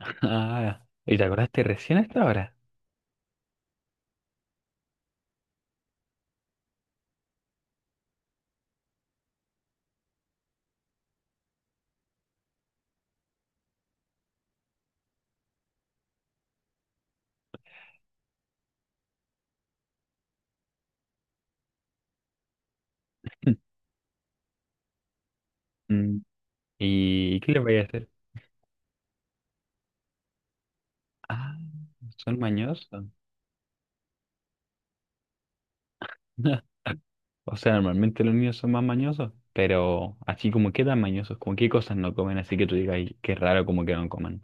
Ah, ¿y te acordaste recién hasta ahora? Mm. ¿Y qué les voy a hacer? Ah, son mañosos. O sea, normalmente los niños son más mañosos, pero así como quedan mañosos, como qué cosas no comen, así que tú digas, "Ay, qué raro como que no coman."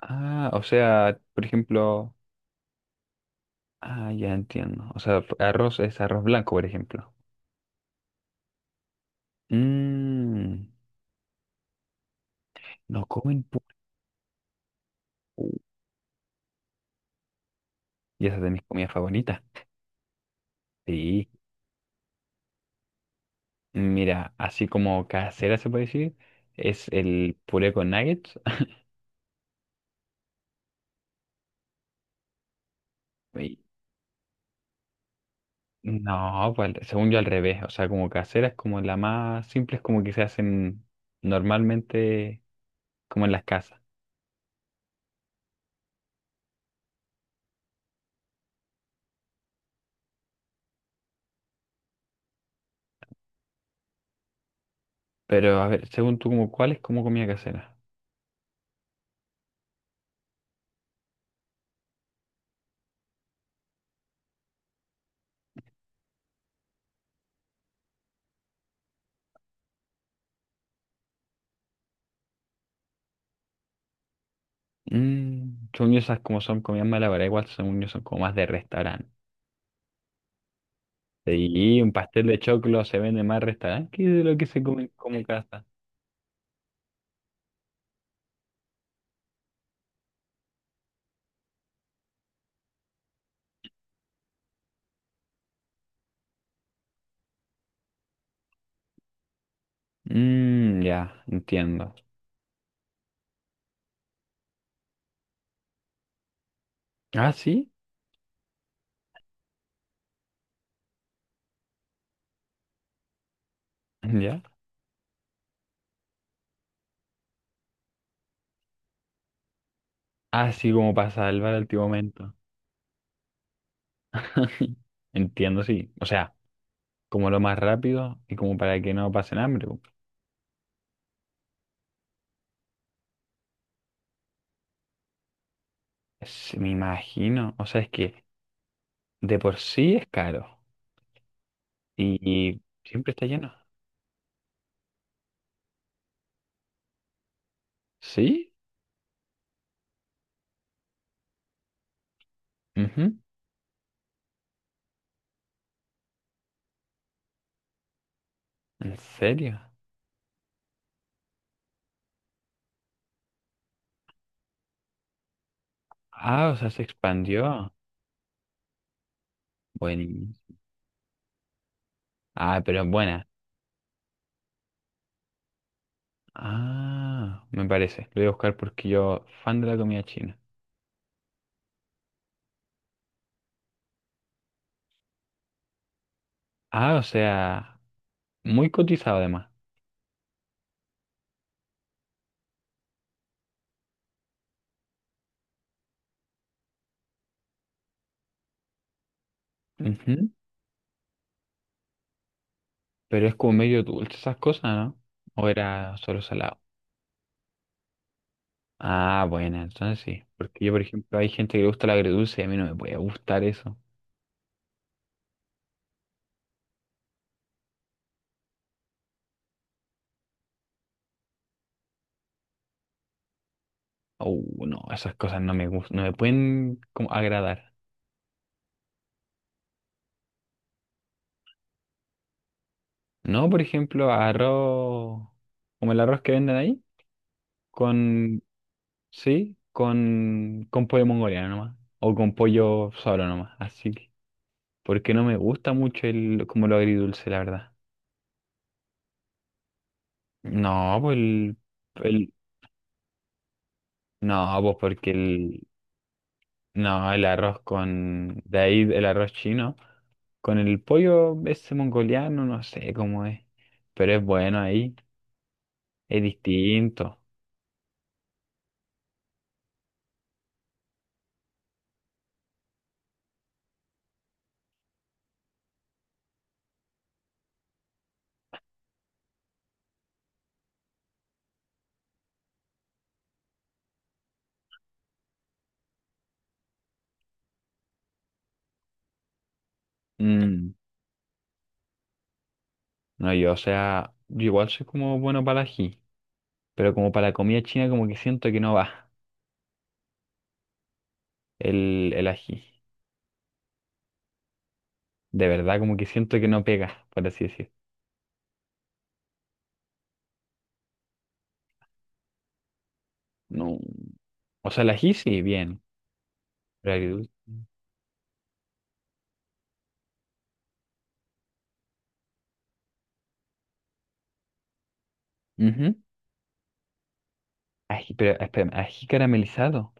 Ah, o sea, por ejemplo, ah, ya entiendo. O sea, arroz es arroz blanco, por ejemplo. Mmm, no comen pu- y esa es de mis comidas favoritas. Sí. Mira, así como casera se puede decir, es el puré con nuggets. Y- No, pues según yo al revés, o sea, como casera es como la más simple, es como que se hacen normalmente como en las casas. Pero a ver, según tú, ¿como cuál es como comida casera? Mm, según yo esas como son comidas malabaras, igual según yo son como más de restaurante. Y un pastel de choclo se vende más en restaurante que de lo que se come como en casa. Mm, ya, entiendo. Ah, sí, ya. Así como para salvar al tío momento. Entiendo, sí. O sea, como lo más rápido y como para que no pasen hambre, po. Es- me imagino. O sea, es que de por sí es caro y, y siempre está lleno. ¿Sí? Ujú. ¿En serio? Ah, o sea, se expandió. Bueno. Ah, pero es buena. Ah, me parece. Lo voy a buscar porque yo, fan de la comida china. Ah, o sea, muy cotizado además. Pero es como medio dulce esas cosas, ¿no? ¿O era solo salado? Ah, bueno, entonces sí. Porque yo, por ejemplo, hay gente que le gusta el agridulce y a mí no me puede gustar eso. No, esas cosas no me gustan, no me pueden como agradar. No, por ejemplo, arroz, como el arroz que venden ahí, con, sí, con pollo mongoliano nomás, o con pollo solo nomás, así que, porque no me gusta mucho el, como lo agridulce, la verdad. No, pues el, el- no, pues porque el, no, el arroz con... De ahí el arroz chino. Con el pollo ese mongoliano, no sé cómo es. Pero es bueno ahí. Es distinto. Mm, no, yo, o sea, yo igual soy como bueno para el ají. Pero como para la comida china como que siento que no va el ají. De verdad, como que siento que no pega, por así decir. No. O sea, el ají sí, bien. Pero agridulce. Ujú. Ají, pero espérame, ají caramelizado.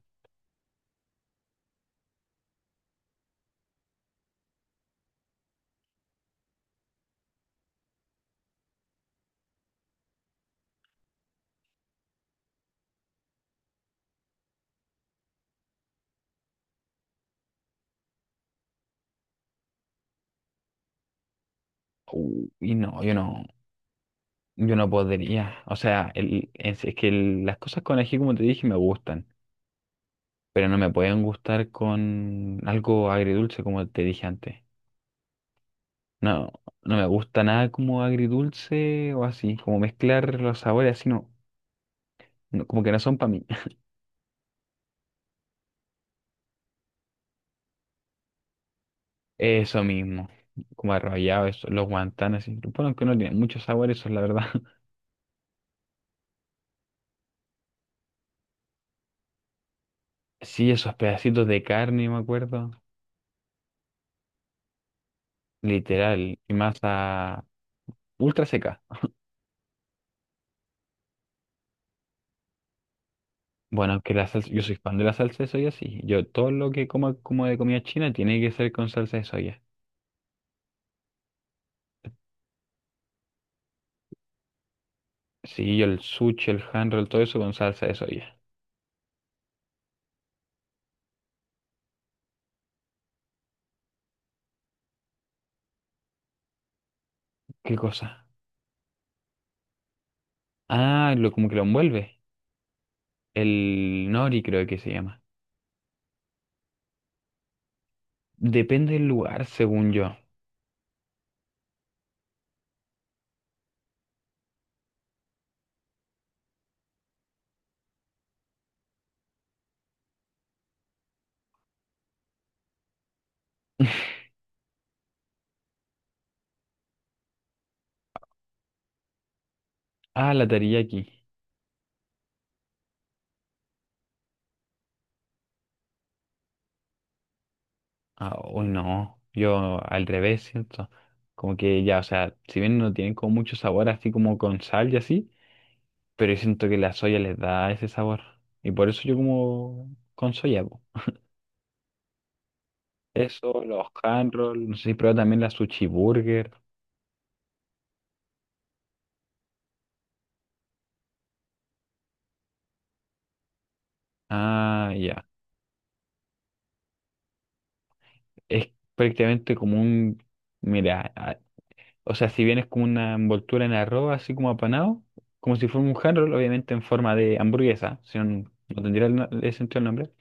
Uy, no, yo no. Yo no podría, o sea, es que las cosas con ají, como te dije, me gustan, pero no me pueden gustar con algo agridulce, como te dije antes. No, no me gusta nada como agridulce o así, como mezclar los sabores así, no, no, como que no son para mí. Eso mismo, como arrollado, eso, los guantanes, así. Bueno, que no tienen muchos sabores, eso es la verdad. Sí, esos pedacitos de carne, me acuerdo, literal, y masa ultra seca. Bueno, que la salsa, yo soy fan de la salsa de soya, sí. Yo todo lo que como como de comida china tiene que ser con salsa de soya. Sí, yo el sushi, el hand roll, todo eso con salsa de soya. ¿Qué cosa? Ah, lo como que lo envuelve. El nori creo que se llama. Depende del lugar, según yo. Ah, la teriyaki. Ah, uy, no. Yo al revés siento. Como que ya, o sea, si bien no tienen como mucho sabor así como con sal y así, pero yo siento que la soya les da ese sabor. Y por eso yo como con soya, po. Eso, los handrolls, no sé si prueba también la sushi burger. Ah, ya. Es prácticamente como un, mira, ah, o sea, si bien es como una envoltura en arroz, así como apanado, como si fuera un handroll, obviamente en forma de hamburguesa, si no, no tendría el, no- el sentido el nombre.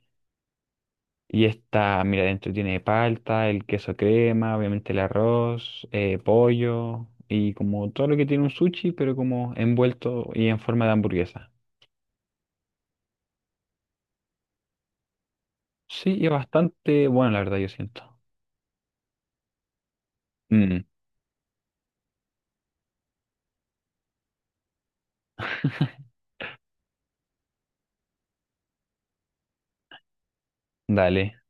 Y esta, mira, dentro tiene palta, el queso crema, obviamente el arroz, pollo y como todo lo que tiene un sushi, pero como envuelto y en forma de hamburguesa. Sí, y bastante bueno, la verdad, yo siento. Mm. Dale,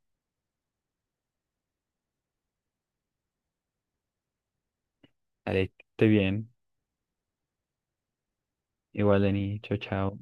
dale, que esté bien. Igual, Dani, chao, chao.